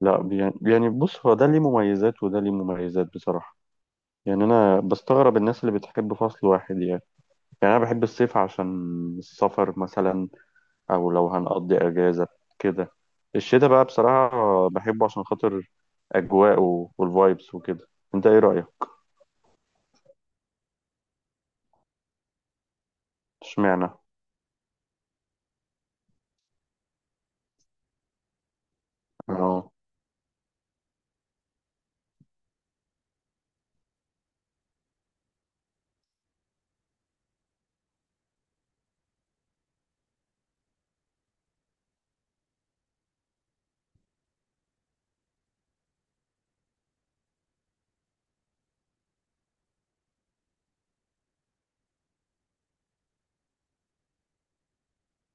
لا يعني بص، هو ده ليه مميزات وده ليه مميزات بصراحة. يعني أنا بستغرب الناس اللي بتحب فصل واحد يعني. يعني أنا بحب الصيف عشان السفر مثلا، أو لو هنقضي أجازة كده. الشتاء بقى بصراحة بحبه عشان خاطر أجواء والفايبس وكده. أنت إيه رأيك؟ اشمعنى؟ أه.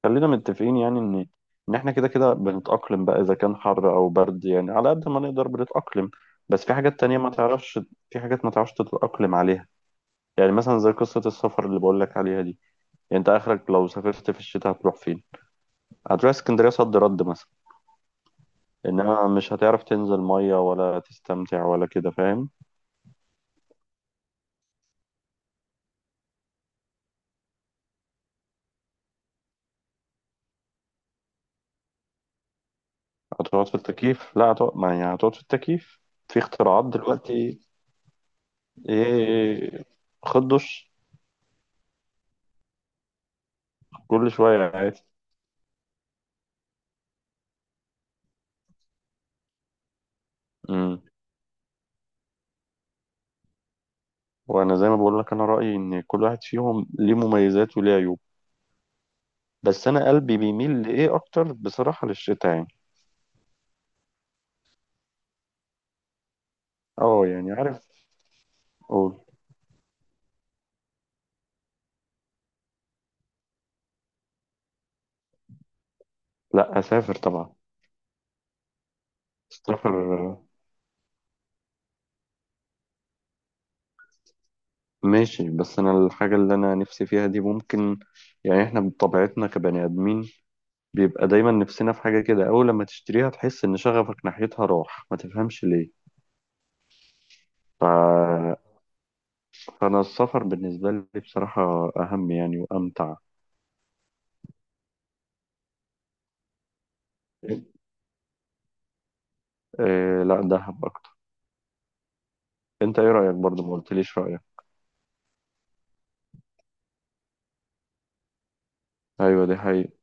خلينا متفقين يعني إن إحنا كده كده بنتأقلم بقى، إذا كان حر أو برد يعني على قد ما نقدر بنتأقلم. بس في حاجات تانية ما تعرفش، في حاجات ما تعرفش تتأقلم عليها. يعني مثلا زي قصة السفر اللي بقول لك عليها دي، يعني انت اخرك لو سافرت في الشتاء هتروح فين؟ هتروح اسكندرية صد رد مثلا. انما مش هتعرف تنزل مية ولا تستمتع ولا كده، فاهم؟ هتقعد في التكييف، لا هتقعد ما يعني هتقعد في التكييف. في اختراعات دلوقتي. ايه. خد دش. كل شوية عادي. امم. وانا زي ما بقول لك، انا رأيي ان كل واحد فيهم ليه مميزات وليه عيوب، بس انا قلبي بيميل لايه اكتر بصراحة، للشتاء يعني. اه يعني عارف. قول. لا اسافر طبعا. سفر. ماشي، بس انا الحاجة اللي انا نفسي فيها دي ممكن، يعني احنا بطبيعتنا كبني ادمين بيبقى دايما نفسنا في حاجة كده، اول لما تشتريها تحس ان شغفك ناحيتها راح، ما تفهمش ليه. ف... فانا السفر بالنسبة لي بصراحة اهم يعني وامتع. إيه لا، دهب اكتر. انت ايه رأيك برضه؟ ما قلتليش رأيك. ايوه دي حقيقة.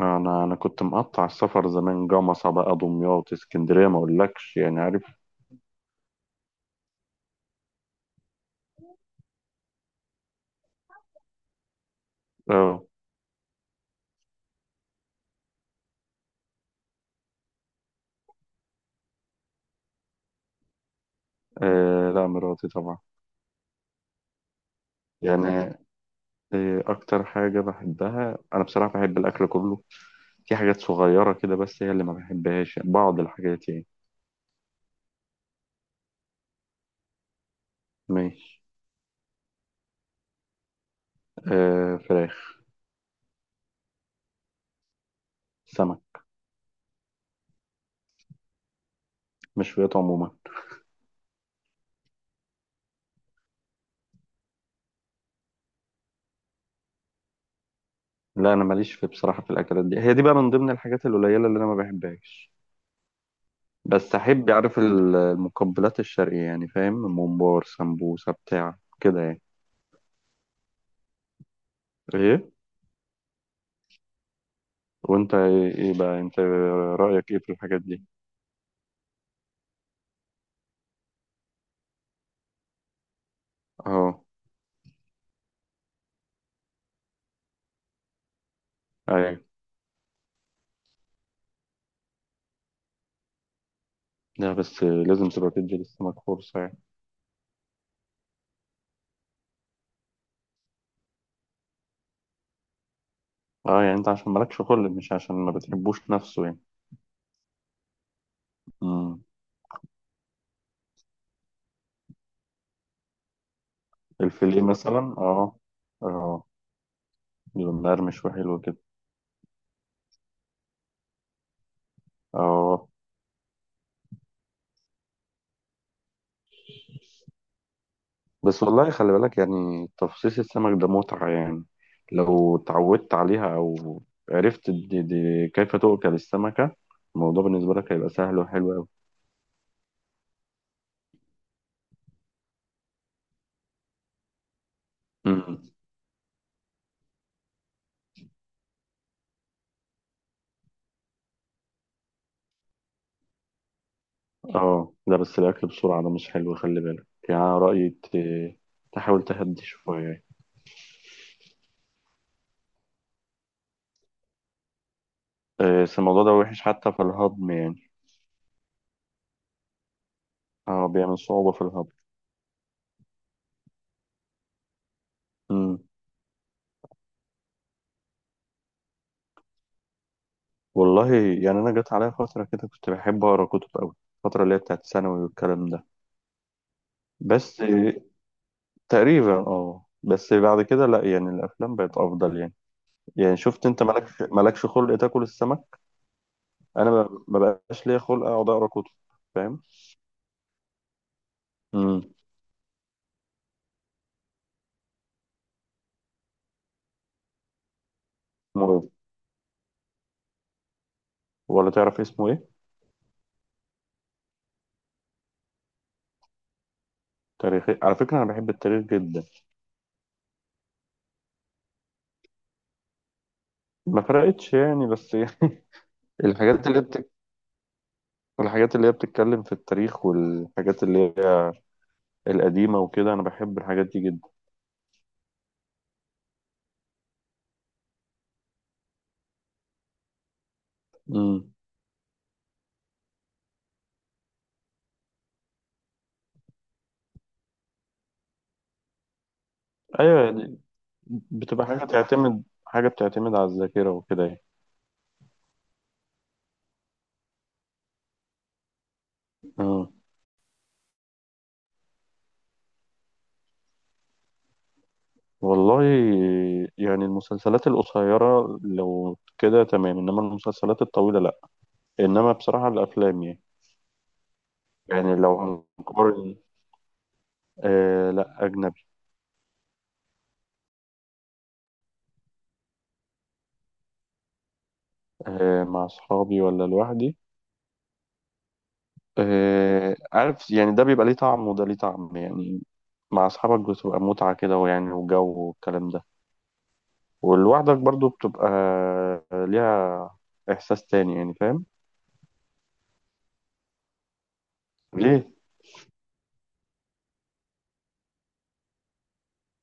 انا انا كنت مقطع السفر زمان، جمصة بقى، دمياط، اسكندرية، ما اقولكش يعني عارف. اه. آه، لا مراتي طبعا. يعني إيه أكتر حاجة بحبها أنا بصراحة؟ بحب الأكل كله، في حاجات صغيرة كده بس هي اللي ما بحبهاش بعض الحاجات يعني. ماشي. آه فراخ. سمك. مشويات عموما. لا أنا ماليش في بصراحة في الأكلات دي، هي دي بقى من ضمن الحاجات القليلة اللي أنا ما بحبهاش. بس أحب أعرف المقبلات الشرقية يعني فاهم، ممبار سمبوسة بتاع كده يعني. إيه. وأنت إيه بقى أنت، رأيك إيه في الحاجات دي؟ أه. أيوة. لا بس لازم تبقى تدي للسمك فرصة يعني. اه يعني انت عشان مالكش خلق، مش عشان ما بتحبوش نفسه يعني. امم. الفيليه مثلا اه. اه يبقى مقرمش وحلو كده. اه بس والله خلي بالك، يعني تفصيص السمك ده متعة يعني، لو اتعودت عليها او عرفت دي كيف تؤكل السمكة، الموضوع بالنسبة لك هيبقى سهل وحلو أوي. امم. اه لا بس الأكل بسرعة ده مش حلو، خلي بالك يعني. أنا رأيي تحاول تهدي شوية يعني. آه، بس الموضوع ده وحش حتى في الهضم يعني. اه بيعمل صعوبة في الهضم. مم. والله يعني انا جت عليا فتره كده كنت بحب اقرا كتب قوي، الفتره اللي هي بتاعت ثانوي والكلام ده. بس تقريبا اه، بس بعد كده لا يعني الافلام بقت افضل يعني. يعني شفت انت مالكش خلق تاكل السمك، انا ما بقاش ليا خلق اقعد اقرا كتب، فاهم. امم. مر- ولا تعرف اسمه ايه؟ تاريخي، على فكره انا بحب التاريخ جدا. ما فرقتش يعني، بس يعني الحاجات اللي بتك... الحاجات اللي هي بتتكلم في التاريخ والحاجات اللي هي القديمه وكده، انا بحب الحاجات دي جدا. مم. ايوه يعني، بتبقى حاجه فاهم، بتعتمد حاجه بتعتمد على الذاكره وكده يعني. اه. والله يعني المسلسلات القصيره لو كده تمام، انما المسلسلات الطويله لا، انما بصراحه الافلام يعني. يعني لو هنقارن، آه لا اجنبي. آه مع اصحابي ولا لوحدي. آه عارف يعني، ده بيبقى ليه طعم وده ليه طعم يعني، مع اصحابك بتبقى متعه كده، ويعني وجو والكلام ده، ولوحدك برضو بتبقى ليها احساس تاني يعني، فاهم. ليه؟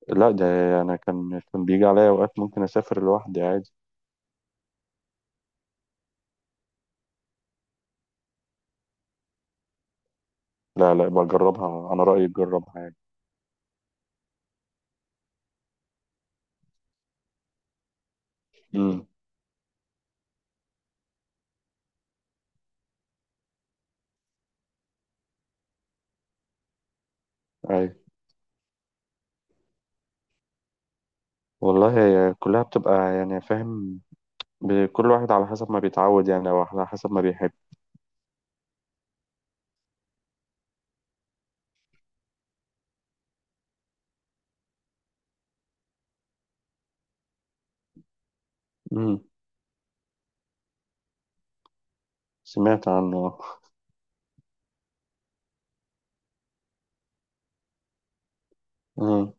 لا ده انا كان بيجي عليا اوقات ممكن اسافر لوحدي عادي. لا لا، بجربها انا رايي تجربها عادي. امم. ايوه. والله هي كلها بتبقى يعني فاهم، كل واحد على حسب ما بيتعود يعني او على حسب ما بيحب. امم. سمعت عنه. امم.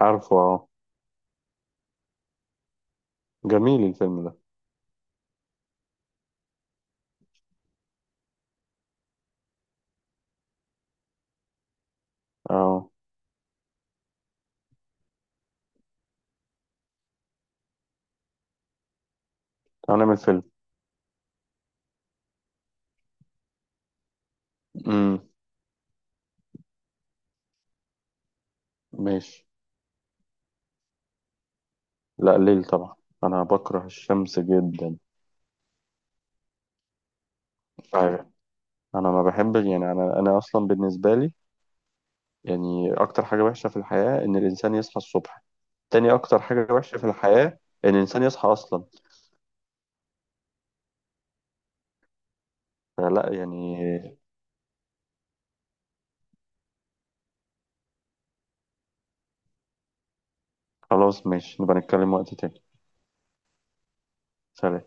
عارفه اه. جميل الفيلم ده. اه. انا من الفيلم. امم. ماشي. لا ليل طبعا، انا بكره الشمس جدا. ايوه. انا ما بحبش يعني، انا اصلا بالنسبه لي، يعني اكتر حاجه وحشه في الحياه ان الانسان يصحى الصبح. تاني أكتر حاجة وحشة في الحياة إن الإنسان يصحى أصلا. فلا يعني. خلاص ماشي، نبقى نتكلم وقت تاني. سلام.